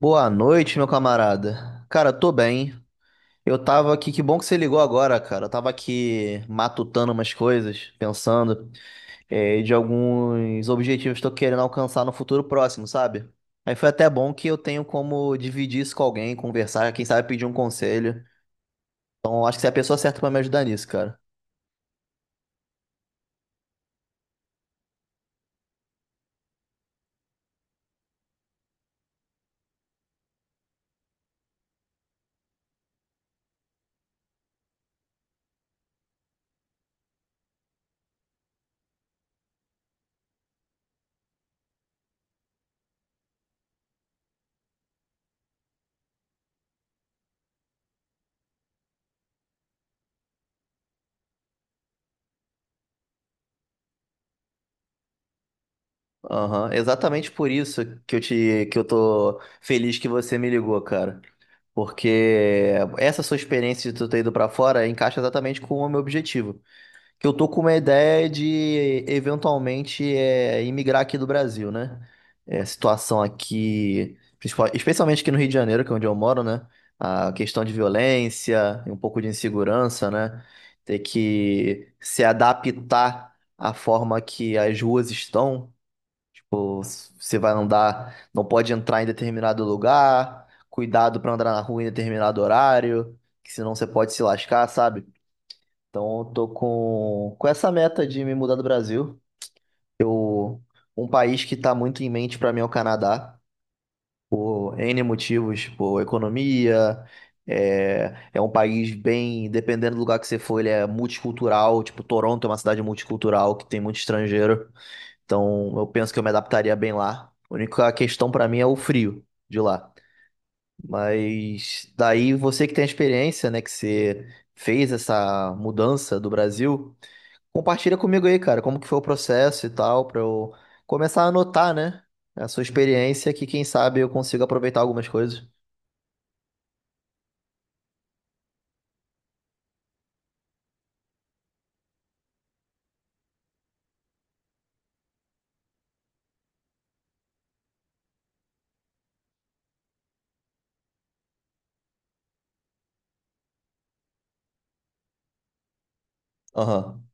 Boa noite, meu camarada. Cara, tô bem. Eu tava aqui, que bom que você ligou agora, cara. Eu tava aqui matutando umas coisas, pensando, de alguns objetivos que eu tô querendo alcançar no futuro próximo, sabe? Aí foi até bom que eu tenho como dividir isso com alguém, conversar, quem sabe pedir um conselho. Então, acho que você é a pessoa certa pra me ajudar nisso, cara. Aham, exatamente por isso que que eu tô feliz que você me ligou, cara. Porque essa sua experiência de tu ter ido pra fora encaixa exatamente com o meu objetivo. Que eu tô com uma ideia de eventualmente imigrar aqui do Brasil, né? É, a situação aqui, especialmente aqui no Rio de Janeiro, que é onde eu moro, né? A questão de violência e um pouco de insegurança, né? Ter que se adaptar à forma que as ruas estão. Você vai andar, não pode entrar em determinado lugar, cuidado pra andar na rua em determinado horário, que senão você pode se lascar, sabe? Então eu tô com essa meta de me mudar do Brasil. Eu, um país que tá muito em mente pra mim é o Canadá, por N motivos, por economia, é um país bem, dependendo do lugar que você for, ele é multicultural, tipo Toronto é uma cidade multicultural que tem muito estrangeiro. Então, eu penso que eu me adaptaria bem lá. A única questão pra mim é o frio de lá. Mas daí você que tem a experiência, né, que você fez essa mudança do Brasil, compartilha comigo aí, cara, como que foi o processo e tal, pra eu começar a anotar, né, a sua experiência, que quem sabe eu consigo aproveitar algumas coisas. Aham.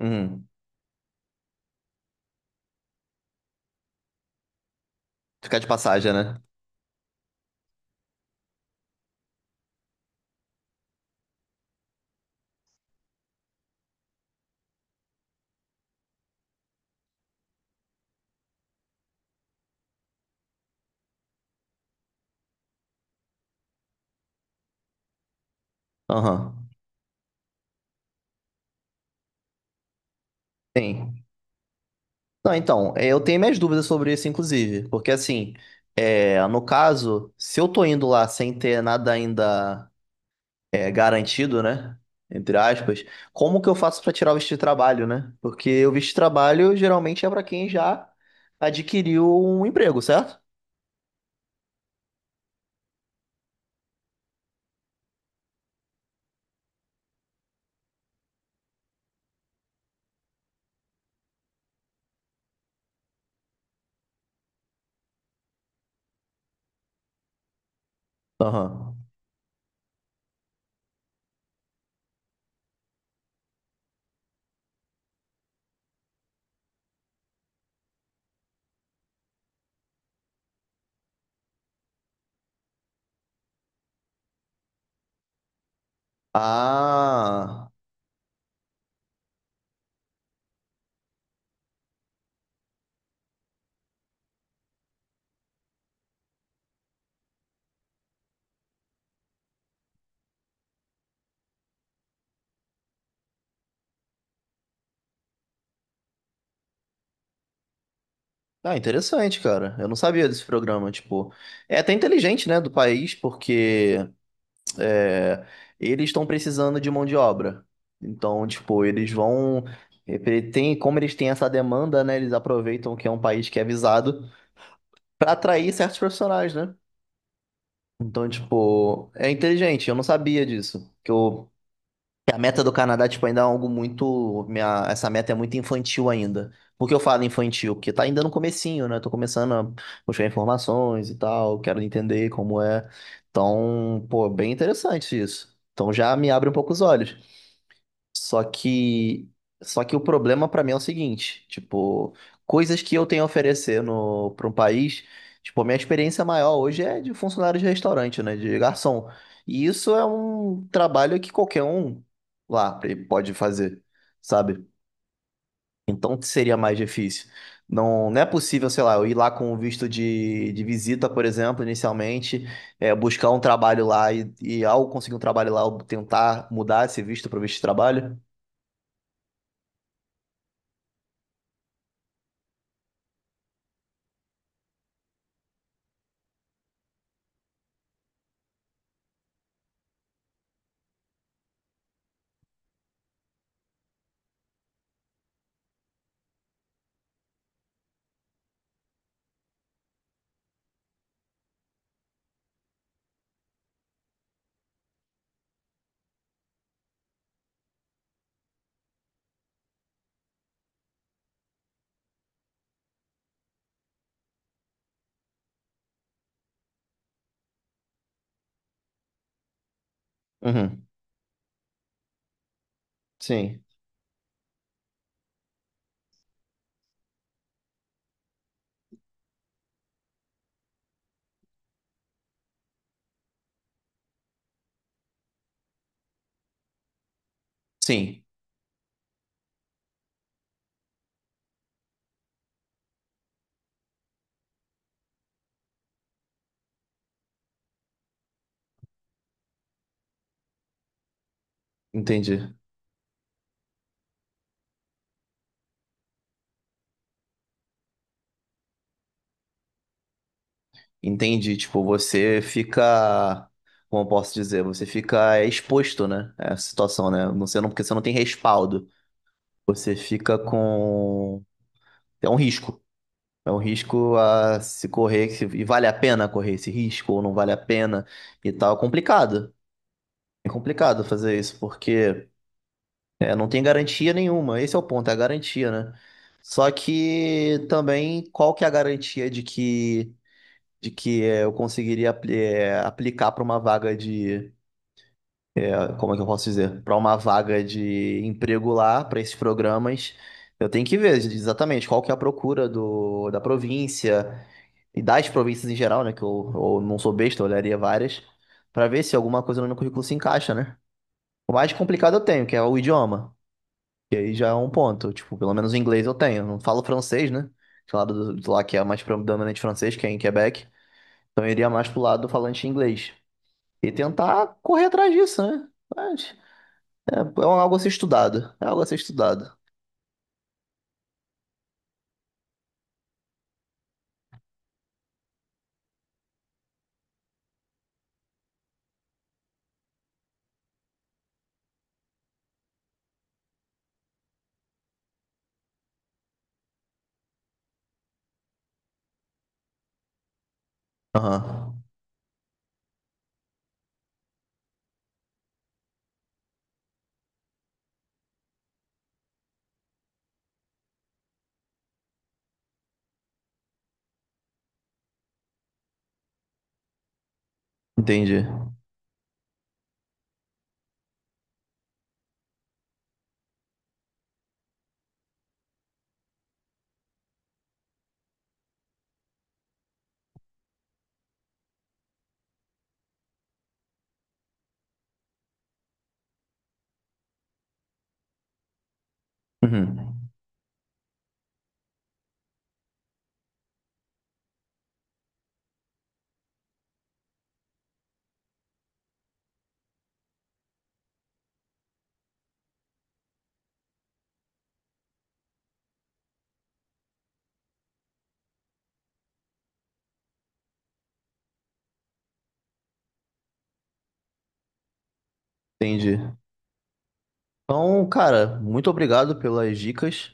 Uhum. Ficar de passagem, né? Aham. Sim. Não, então, é, eu tenho minhas dúvidas sobre isso, inclusive, porque assim, no caso, se eu tô indo lá sem ter nada ainda garantido, né? Entre aspas, como que eu faço pra tirar o visto de trabalho, né? Porque o visto de trabalho geralmente é pra quem já adquiriu um emprego, certo? Aham. Ah, ah, interessante, cara. Eu não sabia desse programa, tipo, é até inteligente, né, do país, porque é, eles estão precisando de mão de obra. Então, tipo, eles vão. Ele Tem, como eles têm essa demanda, né? Eles aproveitam que é um país que é visado para atrair certos profissionais, né? Então, tipo, é inteligente. Eu não sabia disso. Que eu que A meta do Canadá, tipo, ainda é algo muito. Minha, essa meta é muito infantil ainda. Por que eu falo infantil? Porque tá ainda no comecinho, né? Tô começando a buscar informações e tal, quero entender como é. Então, pô, bem interessante isso. Então já me abre um pouco os olhos. Só que, só que o problema pra mim é o seguinte, tipo, coisas que eu tenho a oferecer no para um país, tipo, a minha experiência maior hoje é de funcionário de restaurante, né, de garçom. E isso é um trabalho que qualquer um lá pode fazer, sabe? Então seria mais difícil. Não, não é possível, sei lá, eu ir lá com o visto de visita, por exemplo, inicialmente, é, buscar um trabalho lá e ao conseguir um trabalho lá, eu tentar mudar esse visto para visto de trabalho. Uhum. Sim, sim, entendi. Entendi. Tipo, você fica, como eu posso dizer, você fica é, exposto, né? A essa situação, né? Você não, porque você não tem respaldo. Você fica com. É um risco. É um risco a se correr. E vale a pena correr esse risco ou não vale a pena e tal. É complicado. É complicado fazer isso, porque é, não tem garantia nenhuma. Esse é o ponto, é a garantia, né? Só que também, qual que é a garantia de que. De que é, eu conseguiria é, aplicar para uma vaga de, é, como é que eu posso dizer? Para uma vaga de emprego lá, para esses programas. Eu tenho que ver exatamente qual que é a procura da província e das províncias em geral, né? Eu não sou besta, eu olharia várias, para ver se alguma coisa no meu currículo se encaixa, né? O mais complicado eu tenho, que é o idioma. E aí já é um ponto. Tipo, pelo menos o inglês eu tenho. Eu não falo francês, né? Do lá que é mais predominante francês, que é em Quebec. Então eu iria mais pro lado do falante inglês. E tentar correr atrás disso, né? Mas é algo a ser estudado. É algo a ser estudado. Aham. Entendi. Uhum. Entendi. Então, cara, muito obrigado pelas dicas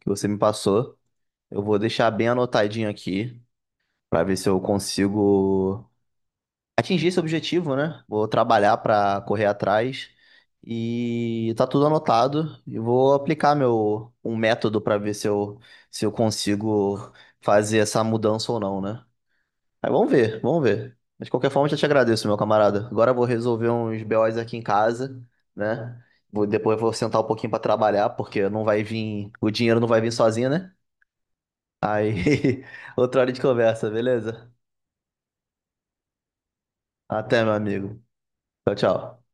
que você me passou. Eu vou deixar bem anotadinho aqui pra ver se eu consigo atingir esse objetivo, né? Vou trabalhar para correr atrás e tá tudo anotado e vou aplicar meu um método para ver se eu consigo fazer essa mudança ou não, né? Aí vamos ver, vamos ver. Mas de qualquer forma, já te agradeço, meu camarada. Agora eu vou resolver uns BOs aqui em casa, né? Vou, depois eu vou sentar um pouquinho para trabalhar, porque não vai vir, o dinheiro não vai vir sozinho, né? Aí, outra hora de conversa, beleza? Até, meu amigo. Tchau, tchau.